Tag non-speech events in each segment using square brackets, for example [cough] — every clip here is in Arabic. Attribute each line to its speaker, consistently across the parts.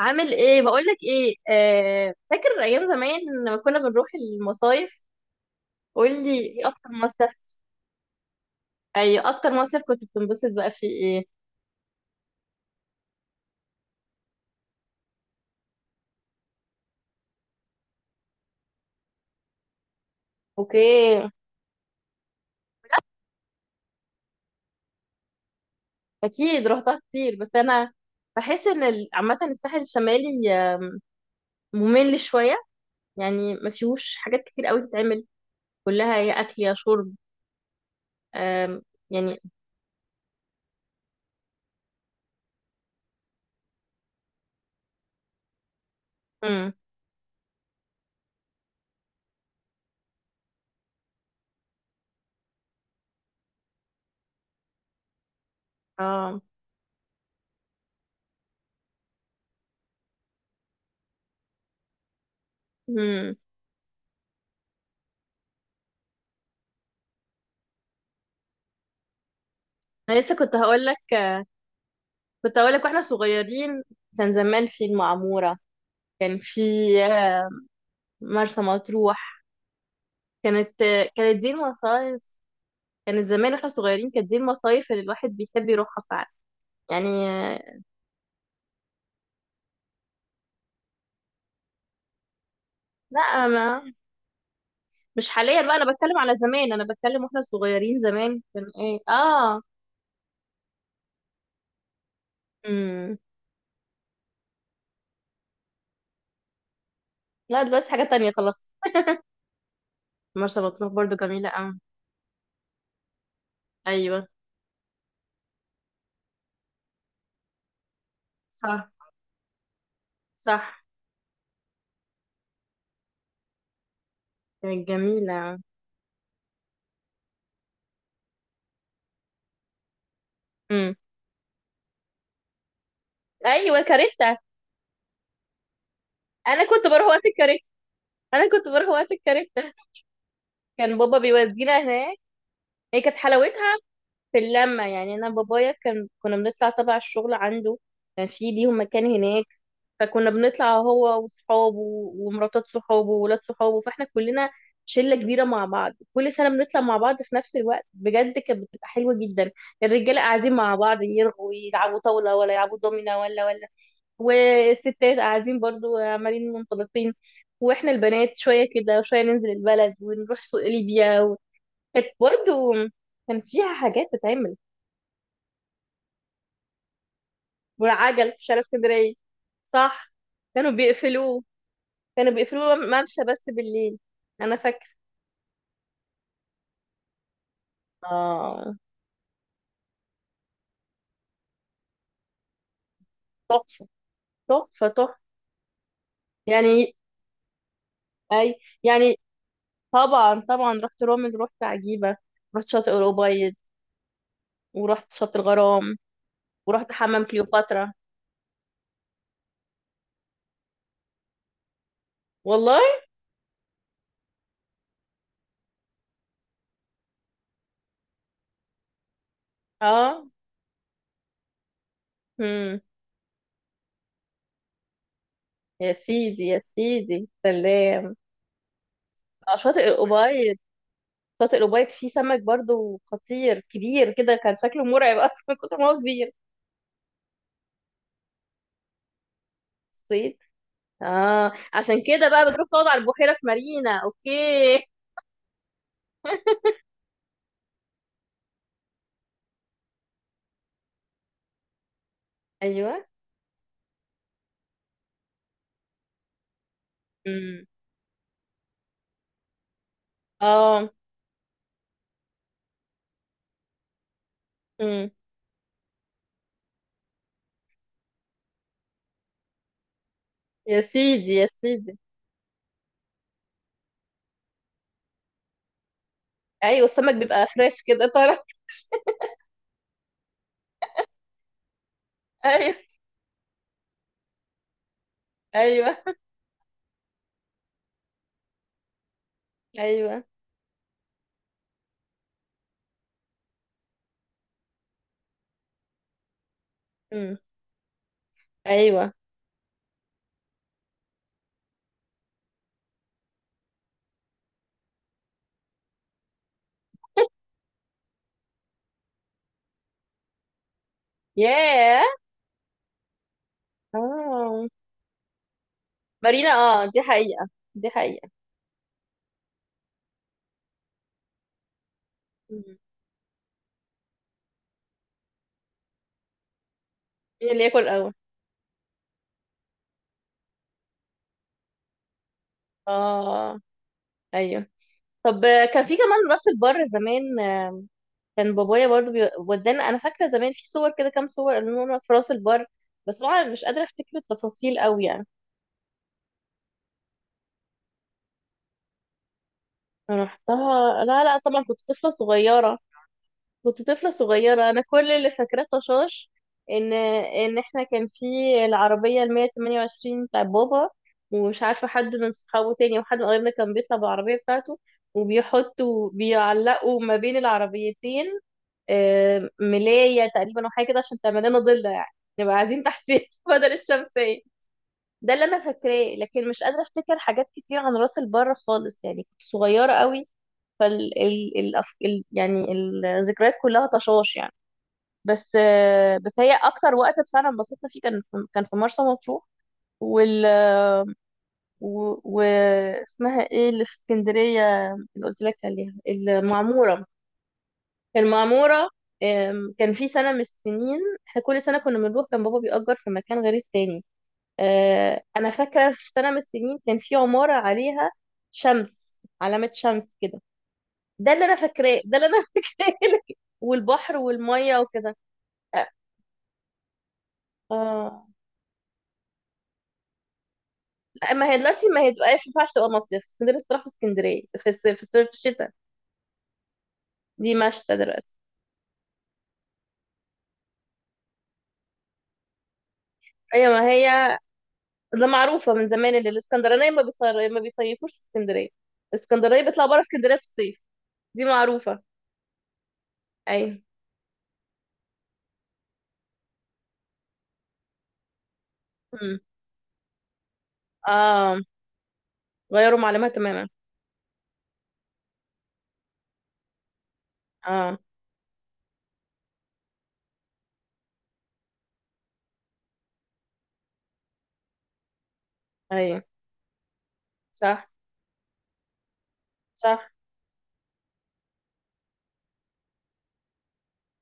Speaker 1: عامل ايه؟ بقولك ايه، فاكر ايام زمان لما كنا بنروح المصايف؟ قولي ايه اكتر مصيف. اي اكتر مصيف كنت بتنبسط بقى فيه ايه؟ اوكي. اكيد رحتها كتير، بس انا بحس ان عامه الساحل الشمالي ممل شويه، يعني ما فيهوش حاجات كتير قوي تتعمل، كلها يا اكل يا شرب. آم، يعني. امم اه امم انا لسه كنت هقول لك، كنت هقول لك واحنا صغيرين كان زمان في المعموره، كان في آه، مرسى مطروح. كانت، كانت دي المصايف، كانت زمان واحنا صغيرين كانت دي المصايف اللي الواحد بيحب يروحها فعلا، يعني. لا، ما مش حاليا بقى، انا بتكلم على زمان، انا بتكلم واحنا صغيرين زمان كان ايه، اه. امم لا دلوقتي حاجة تانية خلاص. مرسى مطروح برضو جميلة أوي. ايوه، صح، صح. كانت جميلة. امم، ايوه كاريتا. انا كنت بروح وقت الكاريتا، انا كنت بروح وقت الكاريتا، كان بابا بيودينا هناك. هي كانت حلاوتها في اللمة، يعني. أنا بابايا كان، كنا بنطلع تبع الشغل عنده، كان في ليهم مكان هناك. فكنا بنطلع هو وصحابه ومراتات صحابه وولاد صحابه، فاحنا كلنا شلة كبيرة مع بعض، كل سنة بنطلع مع بعض في نفس الوقت، بجد كانت بتبقى حلوة جدا. الرجالة قاعدين مع بعض يرغوا يلعبوا طاولة ولا يلعبوا دومينة ولا، والستات قاعدين برضو عمالين منطلقين، واحنا البنات شوية كده وشوية ننزل البلد ونروح سوق ليبيا و... كانت برضو، كان فيها حاجات تتعمل. والعجل في شارع اسكندرية، صح. كانوا بيقفلوه، كانوا بيقفلوه ممشى بس بالليل. انا فاكره. اه. تحفه، تحفه تحفه، يعني. اي، يعني، طبعا طبعا رحت رومل، رحت عجيبه، رحت شاطئ الأبيض، ورحت شاطئ الغرام، ورحت حمام كليوباترا. والله. اه. هم. يا سيدي يا سيدي، سلام. شاطئ الأبيض، شاطئ الأبيض فيه سمك برضو خطير، كبير كده كان شكله مرعب [laughs] اصلا من كتر ما هو كبير. صيد، اه. عشان كده بقى بتروح تقعد على البحيرة في مارينا. اوكي. ايوه. [laughs] امم اه امم يا سيدي يا سيدي. ايوه السمك بيبقى فريش كده طرى. [laughs] ايوه. ايوه. ايوه. امم. ايوه. ياه. اه، مارينا. اه دي حقيقة، دي حقيقة. مم. مين اللي ياكل اول؟ اه. ايوه. طب، كان في كمان راس البر زمان، كان بابايا برضو ودانا، انا فاكره زمان في صور كده، كام صور قالوا لنا في راس البر، بس طبعا مش قادره افتكر التفاصيل قوي، يعني. انا رحتها، لا لا طبعا، كنت طفله صغيره، كنت طفله صغيره، انا كل اللي فاكراه طشاش. ان احنا كان في العربيه ال 128 بتاع بابا، ومش عارفه حد من صحابه تاني وحد من قرايبنا كان بيطلع بالعربيه بتاعته، وبيحطوا بيعلقوا ما بين العربيتين ملاية تقريبا او حاجة كده، عشان تعمل لنا ضلة يعني، نبقى قاعدين تحتيه [laughs] بدل الشمسية. ده اللي انا فاكراه، لكن مش قادرة افتكر حاجات كتير عن راس البر خالص، يعني كنت صغيرة قوي. فال ال ال ال يعني الذكريات كلها طشاش، يعني. بس بس هي اكتر وقت بصراحة انبسطنا فيه كان كان في مرسى مطروح. وال و... و... اسمها ايه اللي في اسكندرية، اللي قلت لك عليها، المعمورة. في المعمورة. كان في سنة من السنين، احنا كل سنة كنا بنروح، كان بابا بيأجر في مكان غير التاني. أنا فاكرة في سنة من السنين كان في عمارة عليها شمس، علامة شمس كده. ده اللي أنا فاكراه، ده اللي أنا [laughs] فاكراه لك، والبحر والمية وكده. آه. آه. لا، ما هي دلوقتي ما هي تبقى، ما ينفعش تبقى مصيف اسكندرية، تروح في اسكندرية في الصيف؟ في الصيف، في الشتاء، دي مشتى دلوقتي. أيوة ما هي، ده معروفة من زمان ان الاسكندرانية ما بيصيفوش في اسكندرية، الاسكندرانية بيطلعوا بره اسكندرية في الصيف، دي معروفة. ايوه. امم. اه. غيروا معلمها تماما. اه. ايوه. صح، صح.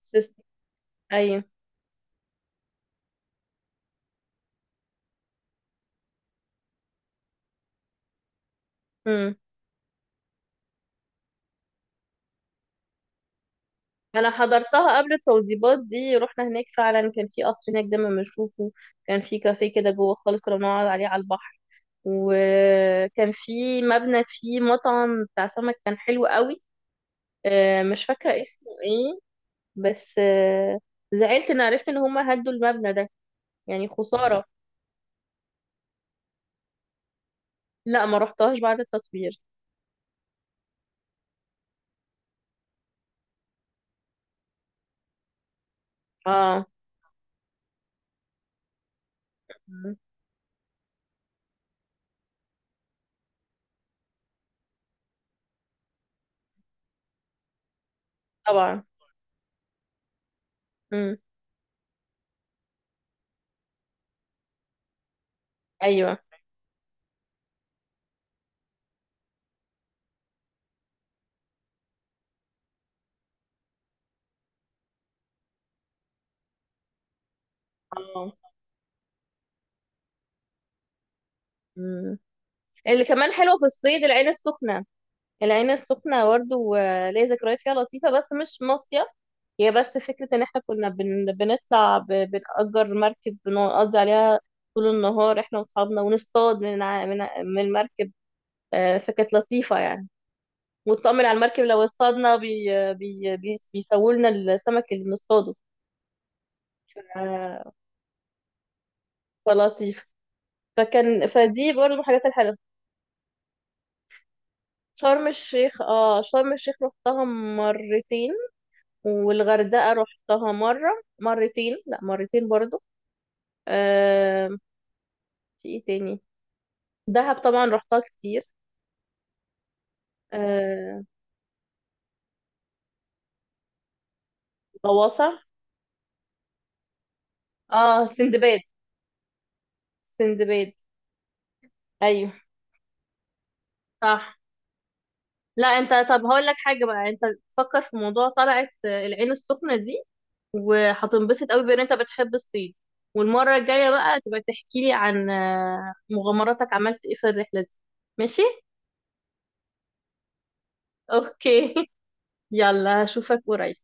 Speaker 1: سيستم. ايوه. امم. انا حضرتها قبل التوزيبات دي، رحنا هناك فعلا، كان في قصر هناك دايما بنشوفه، كان في كافيه كده جوه خالص كنا بنقعد عليه على البحر، وكان في مبنى فيه مطعم بتاع سمك كان حلو قوي، مش فاكرة اسمه ايه، بس زعلت ان عرفت ان هما هدوا المبنى ده، يعني خسارة. لا ما رحتهاش بعد التطوير. اه. مم. طبعا. مم. ايوه. اه. مم. اللي كمان حلوة في الصيد العين السخنة، العين السخنة برضه ليا ذكريات فيها لطيفة بس مش مصيف، هي بس فكرة ان احنا كنا بنطلع بنأجر مركب، بنقضي عليها طول النهار احنا واصحابنا، ونصطاد من من المركب، فكانت لطيفة يعني، ونطمن على المركب لو اصطادنا بي بيسووا لنا السمك اللي بنصطاده، ف- فلطيف، فكان فدي برضه من الحاجات الحلوة. شرم الشيخ، اه شرم الشيخ رحتها مرتين، والغردقة رحتها مرة، مرتين، لا مرتين برضه. آه. في ايه تاني؟ دهب طبعا رحتها كتير. آه. غواصة. اه سندباد. سندباد. ايوه. صح. لا انت، طب هقول لك حاجة بقى، انت تفكر في موضوع طلعت العين السخنة دي، وهتنبسط قوي بان انت بتحب الصيد. والمره الجايه بقى تبقى تحكي لي عن مغامراتك، عملت ايه في الرحله دي. ماشي. اوكي. [laughs] يلا اشوفك قريب.